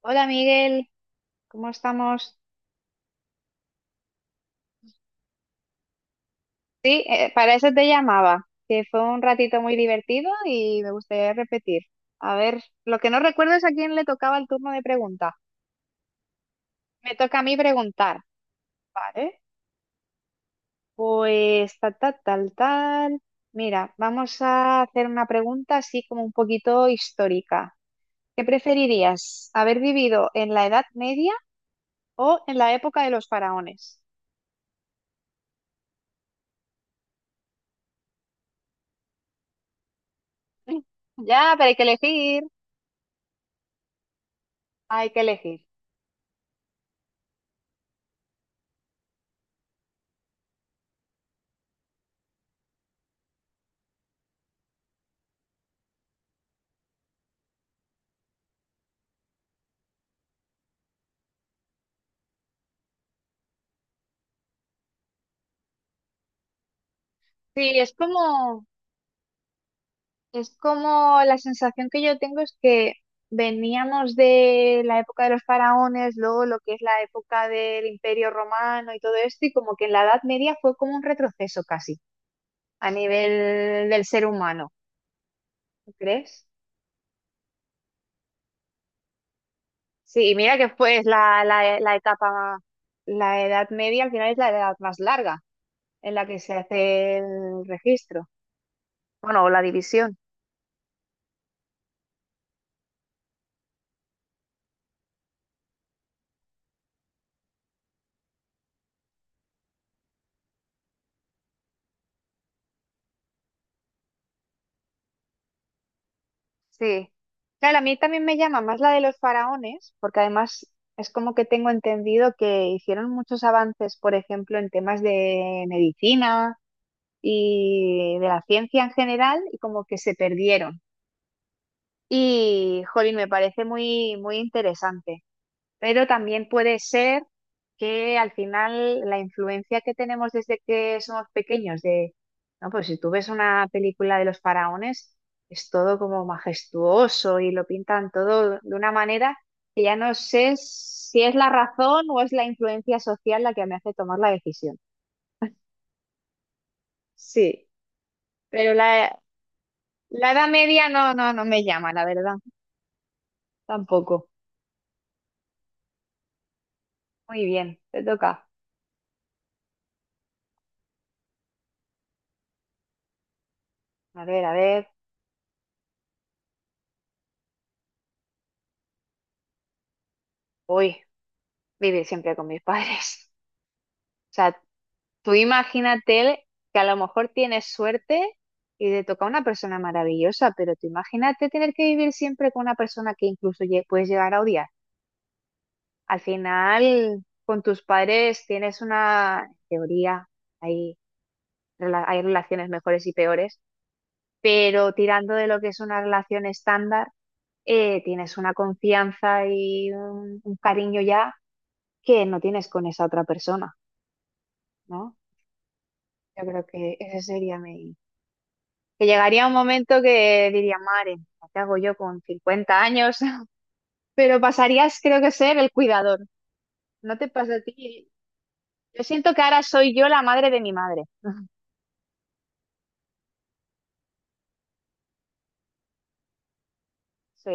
Hola Miguel, ¿cómo estamos? Sí, para eso te llamaba, que fue un ratito muy divertido y me gustaría repetir. A ver, lo que no recuerdo es a quién le tocaba el turno de pregunta. Me toca a mí preguntar, ¿vale? Pues tal, tal, tal, tal. Mira, vamos a hacer una pregunta así como un poquito histórica. ¿Qué preferirías, haber vivido en la Edad Media o en la época de los faraones? Ya, pero hay que elegir, hay que elegir. Sí, es como... Es como la sensación que yo tengo es que veníamos de la época de los faraones, luego lo que es la época del Imperio Romano y todo esto, y como que en la Edad Media fue como un retroceso casi a nivel del ser humano, ¿no crees? Sí, y mira que fue la etapa, la Edad Media al final es la edad más larga en la que se hace el registro, bueno, o la división. Sí. Claro, a mí también me llama más la de los faraones, porque además es como que tengo entendido que hicieron muchos avances, por ejemplo, en temas de medicina y de la ciencia en general, y como que se perdieron. Y, jolín, me parece muy, muy interesante. Pero también puede ser que al final la influencia que tenemos desde que somos pequeños de, no, pues si tú ves una película de los faraones, es todo como majestuoso y lo pintan todo de una manera que ya no sé si es la razón o es la influencia social la que me hace tomar la decisión. Sí, pero la Edad Media no, no, no me llama, la verdad, tampoco. Muy bien, te toca. A ver, voy vivir siempre con mis padres. O sea, tú imagínate que a lo mejor tienes suerte y te toca una persona maravillosa, pero tú imagínate tener que vivir siempre con una persona que incluso puedes llegar a odiar. Al final, con tus padres tienes una en teoría, hay, hay relaciones mejores y peores, pero tirando de lo que es una relación estándar, tienes una confianza y un cariño ya que no tienes con esa otra persona, ¿no? Yo creo que ese sería mi... que llegaría un momento que diría, madre, ¿qué hago yo con 50 años? Pero pasarías, creo que, ser el cuidador. ¿No te pasa a ti? Yo siento que ahora soy yo la madre de mi madre. Sí,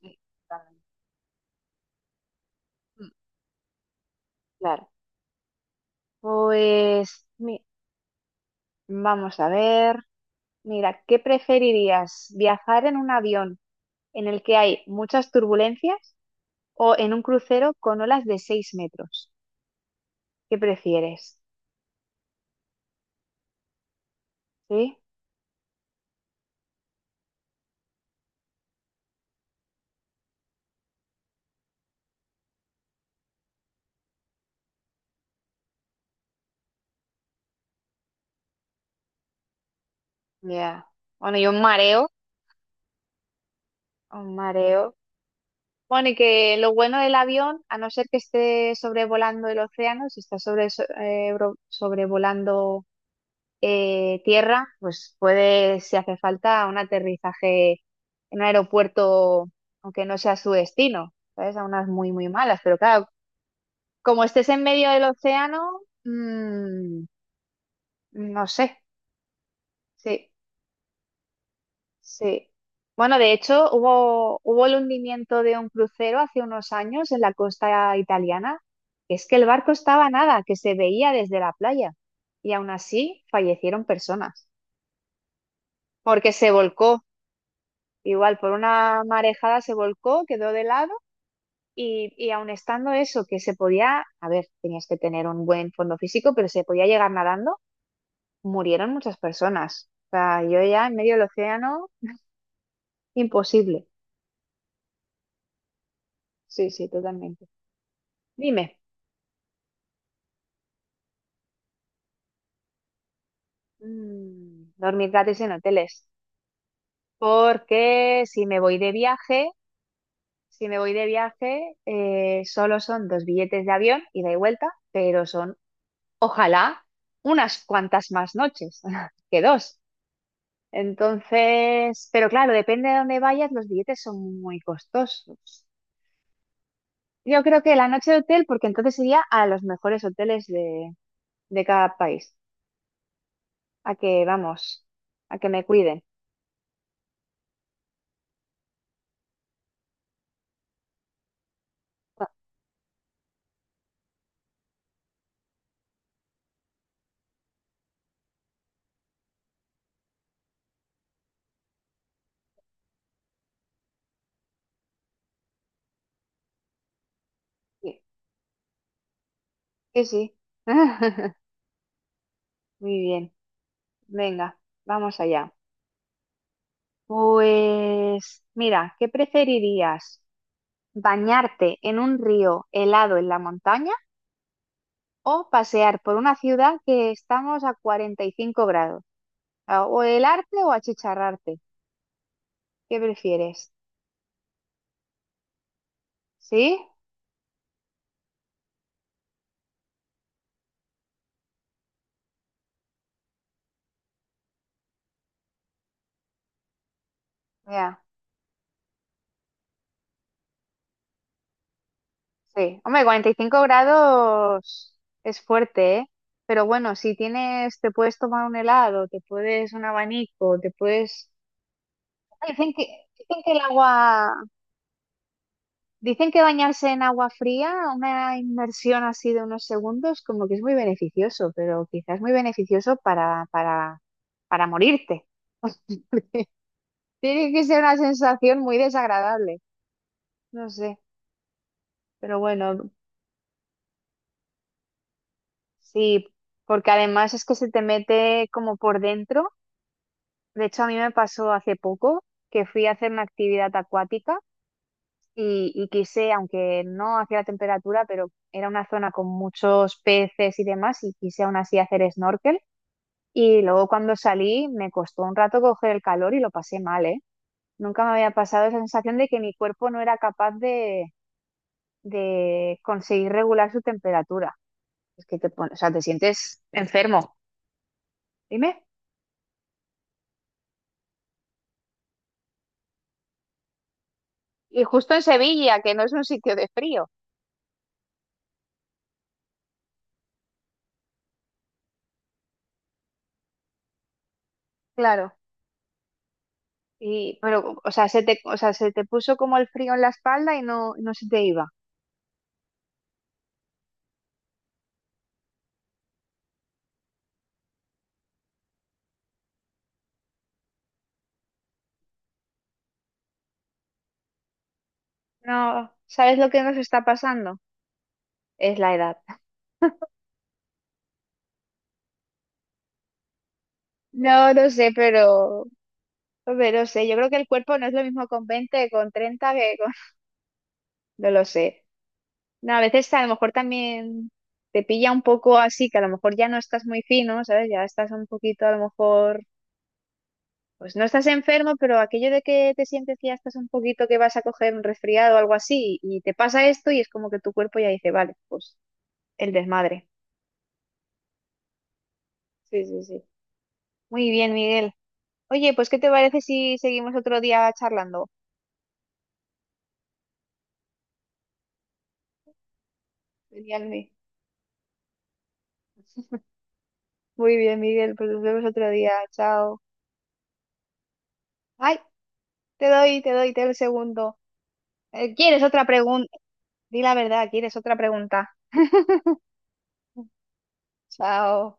sí, totalmente. Mm, claro. Pues mi- Vamos a ver. Mira, ¿qué preferirías? ¿Viajar en un avión en el que hay muchas turbulencias o en un crucero con olas de 6 metros? ¿Qué prefieres? ¿Sí? Ya. Bueno, y un mareo, un mareo. Bueno, y que lo bueno del avión, a no ser que esté sobrevolando el océano, si está sobrevolando tierra, pues puede, si hace falta, un aterrizaje en un aeropuerto, aunque no sea su destino, ¿sabes? A unas muy, muy malas, pero claro, como estés en medio del océano, no sé, sí. Sí. Bueno, de hecho, hubo el hundimiento de un crucero hace unos años en la costa italiana. Es que el barco estaba a nada, que se veía desde la playa. Y aún así fallecieron personas, porque se volcó. Igual, por una marejada se volcó, quedó de lado. Y aun estando eso, que se podía, a ver, tenías que tener un buen fondo físico, pero se podía llegar nadando, murieron muchas personas. O sea, yo ya en medio del océano, imposible. Sí, sí, totalmente. Dime. Mm, dormir gratis en hoteles. Porque si me voy de viaje, si me voy de viaje, solo son dos billetes de avión, ida y vuelta, pero son, ojalá, unas cuantas más noches que dos. Entonces, pero claro, depende de dónde vayas, los billetes son muy costosos. Yo creo que la noche de hotel, porque entonces iría a los mejores hoteles de cada país. A que, vamos, a que me cuiden. Sí, sí. Sí. Muy bien, venga, vamos allá. Pues mira, ¿qué preferirías? ¿Bañarte en un río helado en la montaña o pasear por una ciudad que estamos a 45 grados? A- ¿O helarte o achicharrarte? ¿Qué prefieres? ¿Sí? Ya, sí. Hombre, 45 grados es fuerte, ¿eh? Pero bueno, si tienes, te puedes tomar un helado, te puedes un abanico, te puedes... Dicen que, dicen que el agua Dicen que bañarse en agua fría, una inmersión así de unos segundos, como que es muy beneficioso, pero quizás muy beneficioso para morirte. Tiene que ser una sensación muy desagradable, no sé, pero bueno, sí, porque además es que se te mete como por dentro. De hecho, a mí me pasó hace poco que fui a hacer una actividad acuática y quise, aunque no hacía la temperatura, pero era una zona con muchos peces y demás, y quise aún así hacer snorkel. Y luego cuando salí me costó un rato coger el calor y lo pasé mal, ¿eh? Nunca me había pasado esa sensación de que mi cuerpo no era capaz de conseguir regular su temperatura. Es que te, pon- o sea, te sientes enfermo. Dime. Y justo en Sevilla, que no es un sitio de frío. Claro. Y, pero, o sea, se te, o sea, se te puso como el frío en la espalda y no se te iba. No, ¿sabes lo que nos está pasando? Es la edad. No, no sé, pero Hombre, no sé, yo creo que el cuerpo no es lo mismo con 20 con 30 que con... No lo sé. No, a veces a lo mejor también te pilla un poco así, que a lo mejor ya no estás muy fino, ¿sabes? Ya estás un poquito a lo mejor... Pues no estás enfermo, pero aquello de que te sientes que ya estás un poquito que vas a coger un resfriado o algo así, y te pasa esto y es como que tu cuerpo ya dice, vale, pues el desmadre. Sí, sí, sí. Muy bien, Miguel. Oye, pues ¿qué te parece si seguimos otro día charlando? Genial, muy bien, Miguel. Pues nos vemos otro día. Chao. Ay. Te doy, te doy, te doy el segundo. ¿Quieres otra pregunta? Di la verdad, ¿quieres otra pregunta? Chao.